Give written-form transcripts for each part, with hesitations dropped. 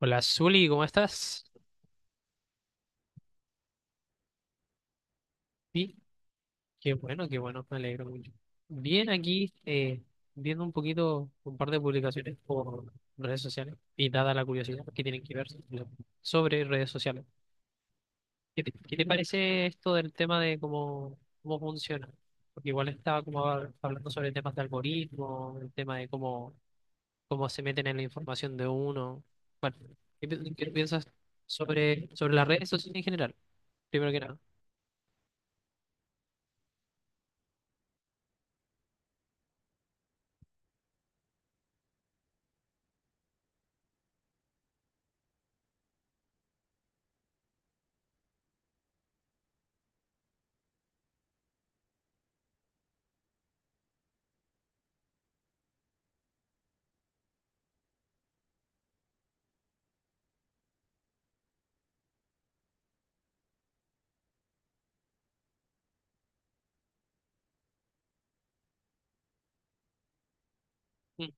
Hola, Zuli, ¿cómo estás? Sí, qué bueno, me alegro mucho. Bien, aquí viendo un poquito un par de publicaciones por redes sociales y dada la curiosidad que tienen que ver sobre redes sociales. Qué te parece esto del tema de cómo, cómo funciona? Porque igual estaba como hablando sobre temas de algoritmo, el tema de cómo, cómo se meten en la información de uno. Bueno, ¿qué, pi- qué piensas sobre, sobre las redes sociales en general? Primero que nada. Mm.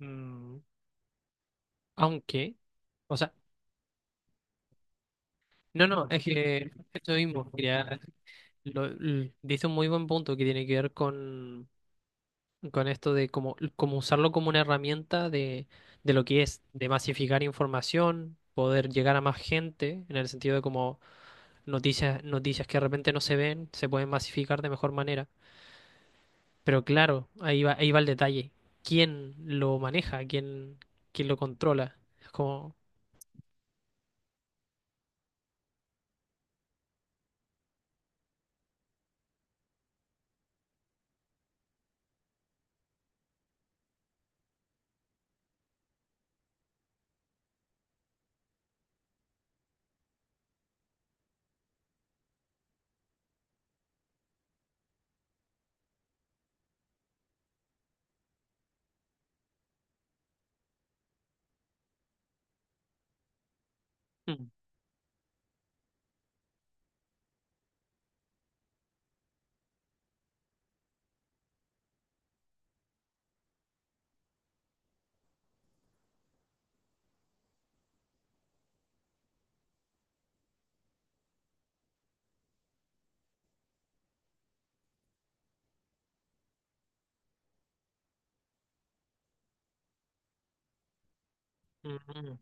Mm. Aunque, o sea, no, es que esto mismo, quería, dice un muy buen punto que tiene que ver con esto de cómo, cómo usarlo como una herramienta de lo que es, de masificar información, poder llegar a más gente, en el sentido de como noticias, noticias que de repente no se ven, se pueden masificar de mejor manera. Pero claro, ahí va el detalle. ¿Quién lo maneja? ¿Quién, quién lo controla? Es como... mm, mm, mm.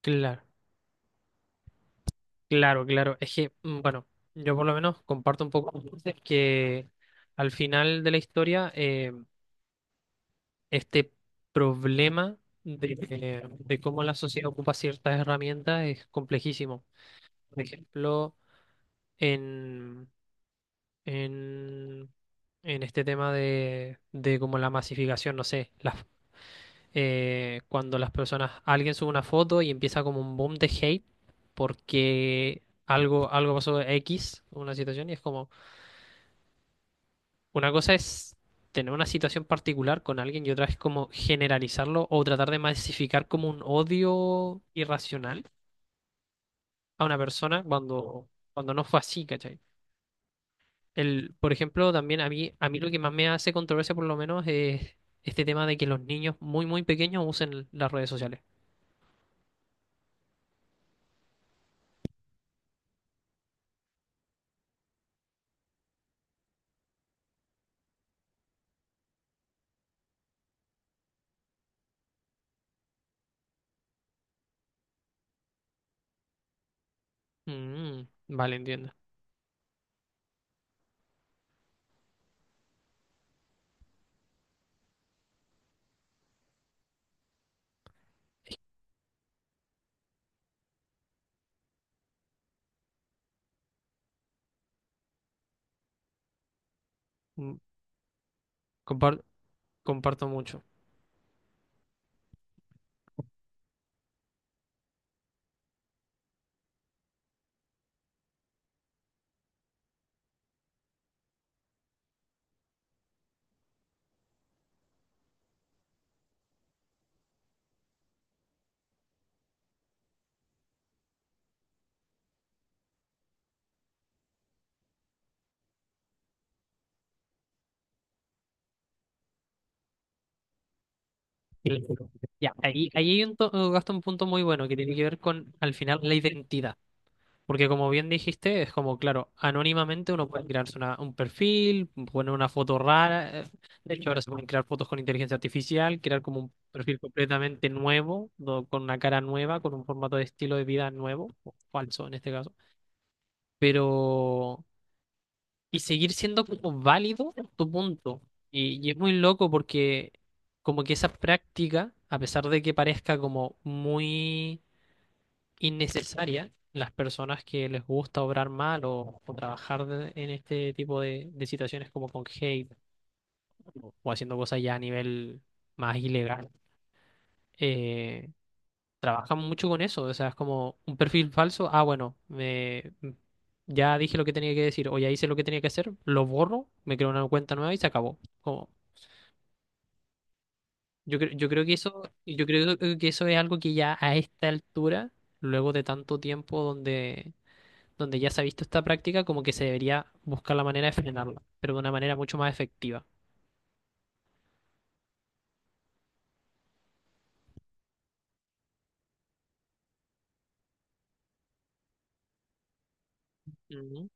Claro. Claro, claro. Es que, mm, bueno, yo por lo menos comparto un poco con ustedes que al final de la historia, este problema de cómo la sociedad ocupa ciertas herramientas es complejísimo. Por ejemplo, en, en, en este tema de como la masificación, no sé, cuando las personas, alguien sube una foto y empieza como un boom de hate porque algo, algo pasó X, una situación, y es como... Una cosa es tener una situación particular con alguien y otra es como generalizarlo o tratar de masificar como un odio irracional a una persona cuando, cuando no fue así, ¿cachai? El, por ejemplo, también a mí lo que más me hace controversia por lo menos es este tema de que los niños muy, muy pequeños usen las redes sociales. Mm, vale, entiendo. Mm, compar- comparto mucho. Y- Ya, ahí, ahí hay un gasto un punto muy bueno que tiene que ver con, al final, la identidad. Porque como bien dijiste, es como, claro, anónimamente uno puede crearse un perfil, poner una foto rara. De hecho, ahora se pueden crear fotos con inteligencia artificial, crear como un perfil completamente nuevo, con una cara nueva, con un formato de estilo de vida nuevo, o falso en este caso. Pero, y seguir siendo como válido tu punto. Y es muy loco porque como que esa práctica, a pesar de que parezca como muy innecesaria, las personas que les gusta obrar mal o en este tipo de situaciones como con hate o haciendo cosas ya a nivel más ilegal. Eh, trabajan mucho con eso, o sea, es como un perfil falso, ah, bueno, me, ya dije lo que tenía que decir o ya hice lo que tenía que hacer, lo borro, me creo una cuenta nueva y se acabó. Como, yo creo que eso, yo creo que eso es algo que ya a esta altura, luego de tanto tiempo donde ya se ha visto esta práctica, como que se debería buscar la manera de frenarla, pero de una manera mucho más efectiva. Ujú.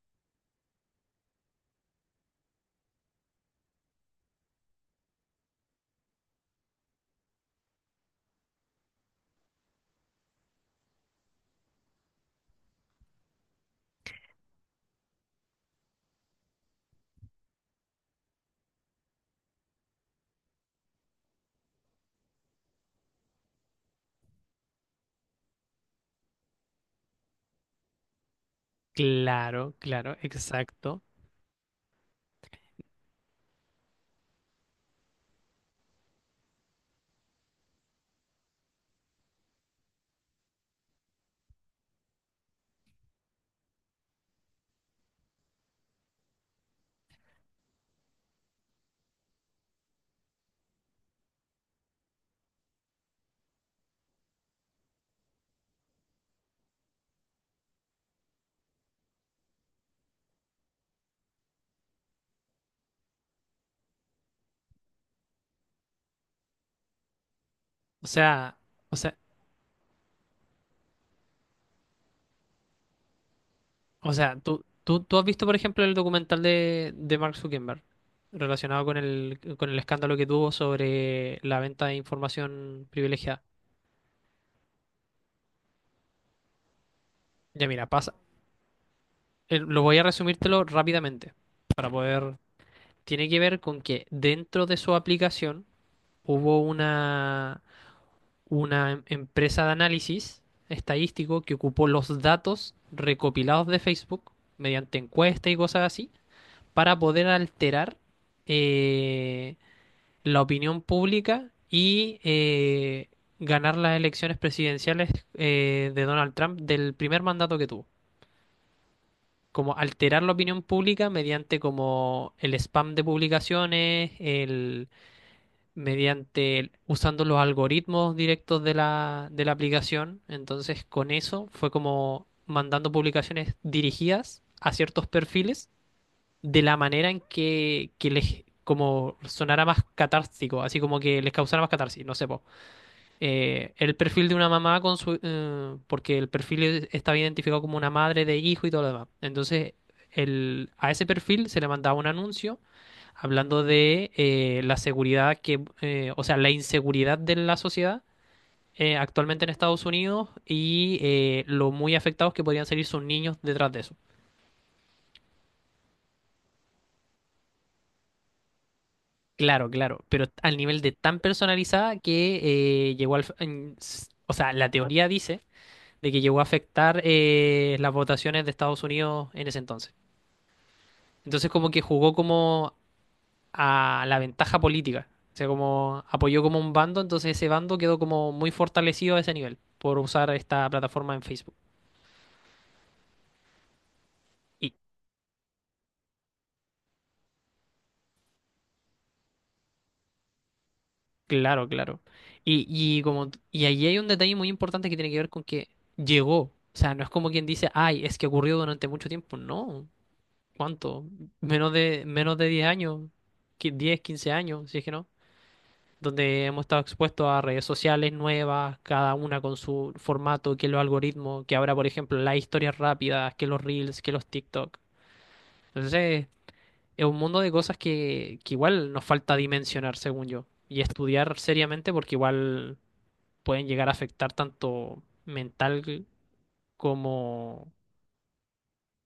Claro, claro, exacto. O sea, o sea, o sea, tú, tú, tú has visto, por ejemplo, el documental de Mark Zuckerberg relacionado con el escándalo que tuvo sobre la venta de información privilegiada. Ya mira, pasa. Lo voy a resumírtelo rápidamente para poder... Tiene que ver con que dentro de su aplicación hubo una empresa de análisis estadístico que ocupó los datos recopilados de Facebook mediante encuestas y cosas así para poder alterar eh, la opinión pública y ganar las elecciones presidenciales de Donald Trump del primer mandato que tuvo. Como alterar la opinión pública mediante como el spam de publicaciones, mediante usando los algoritmos directos de la aplicación. Entonces, con eso fue como mandando publicaciones dirigidas a ciertos perfiles de la manera en que les como sonara más catártico, así como que les causara más catarsis, no sé, po. El perfil de una mamá con su porque el perfil estaba identificado como una madre de hijo y todo lo demás. Entonces, el, a ese perfil se le mandaba un anuncio hablando de la seguridad que, o sea, la inseguridad de la sociedad actualmente en Estados Unidos y lo muy afectados que podrían salir sus niños detrás de eso. Claro, claro, pero al nivel de tan personalizada que llegó al... o sea, la teoría dice de que llegó a afectar las votaciones de Estados Unidos en ese entonces. Entonces como que jugó como a la ventaja política. O sea, como apoyó como un bando, entonces ese bando quedó como muy fortalecido a ese nivel por usar esta plataforma en Facebook. Y claro, claro. Y como y ahí hay un detalle muy importante que tiene que ver con que llegó. O sea, no es como quien dice, ay, es que ocurrió durante mucho tiempo. No. ¿Cuánto? Menos de 10 años, 10, 15 años, si es que no, donde hemos estado expuestos a redes sociales nuevas, cada una con su formato, que los algoritmos, que ahora, por ejemplo, las historias rápidas, que los reels, que los TikTok. Entonces, es un mundo de cosas que igual nos falta dimensionar, según yo, y estudiar seriamente porque igual pueden llegar a afectar tanto mental como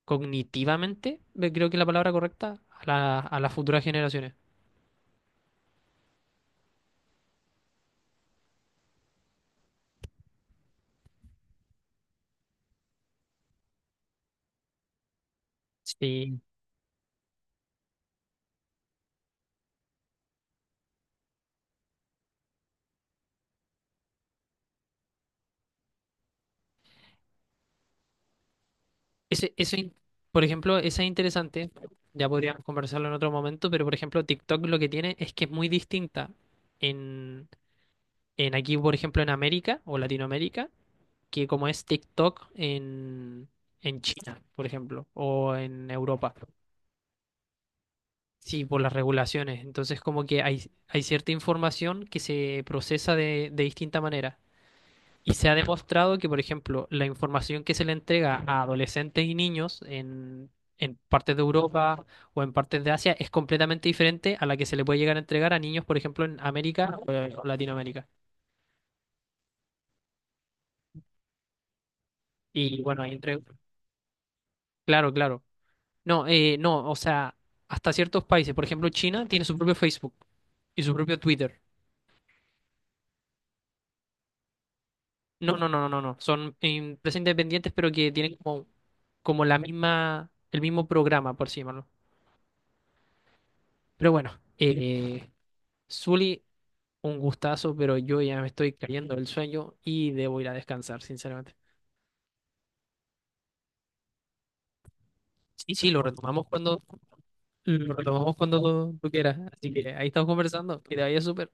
cognitivamente, creo que es la palabra correcta, a a las futuras generaciones. Sí. Ese, eso, in- por ejemplo, esa es interesante. Ya podríamos conversarlo en otro momento, pero por ejemplo, TikTok lo que tiene es que es muy distinta en, en aquí, por ejemplo, en América o Latinoamérica, que como es TikTok en China, por ejemplo, o en Europa. Sí, por las regulaciones. Entonces, como que hay cierta información que se procesa de distinta manera. Y se ha demostrado que, por ejemplo, la información que se le entrega a adolescentes y niños en partes de Europa o en partes de Asia es completamente diferente a la que se le puede llegar a entregar a niños, por ejemplo, en América o Latinoamérica. Y bueno, ahí entre... Claro, claro. No, no, o sea, hasta ciertos países, por ejemplo, China tiene su propio Facebook y su propio Twitter. No, no, no, no, no, no. Son empresas independientes, pero que tienen como, como la misma, el mismo programa, por sí, llamarlo. Pero bueno, eh, Zuli, un gustazo, pero yo ya me estoy cayendo del sueño y debo ir a descansar, sinceramente. Sí, sí, lo retomamos cuando tú, tú quieras. Así que ahí estamos conversando. Que te vaya súper.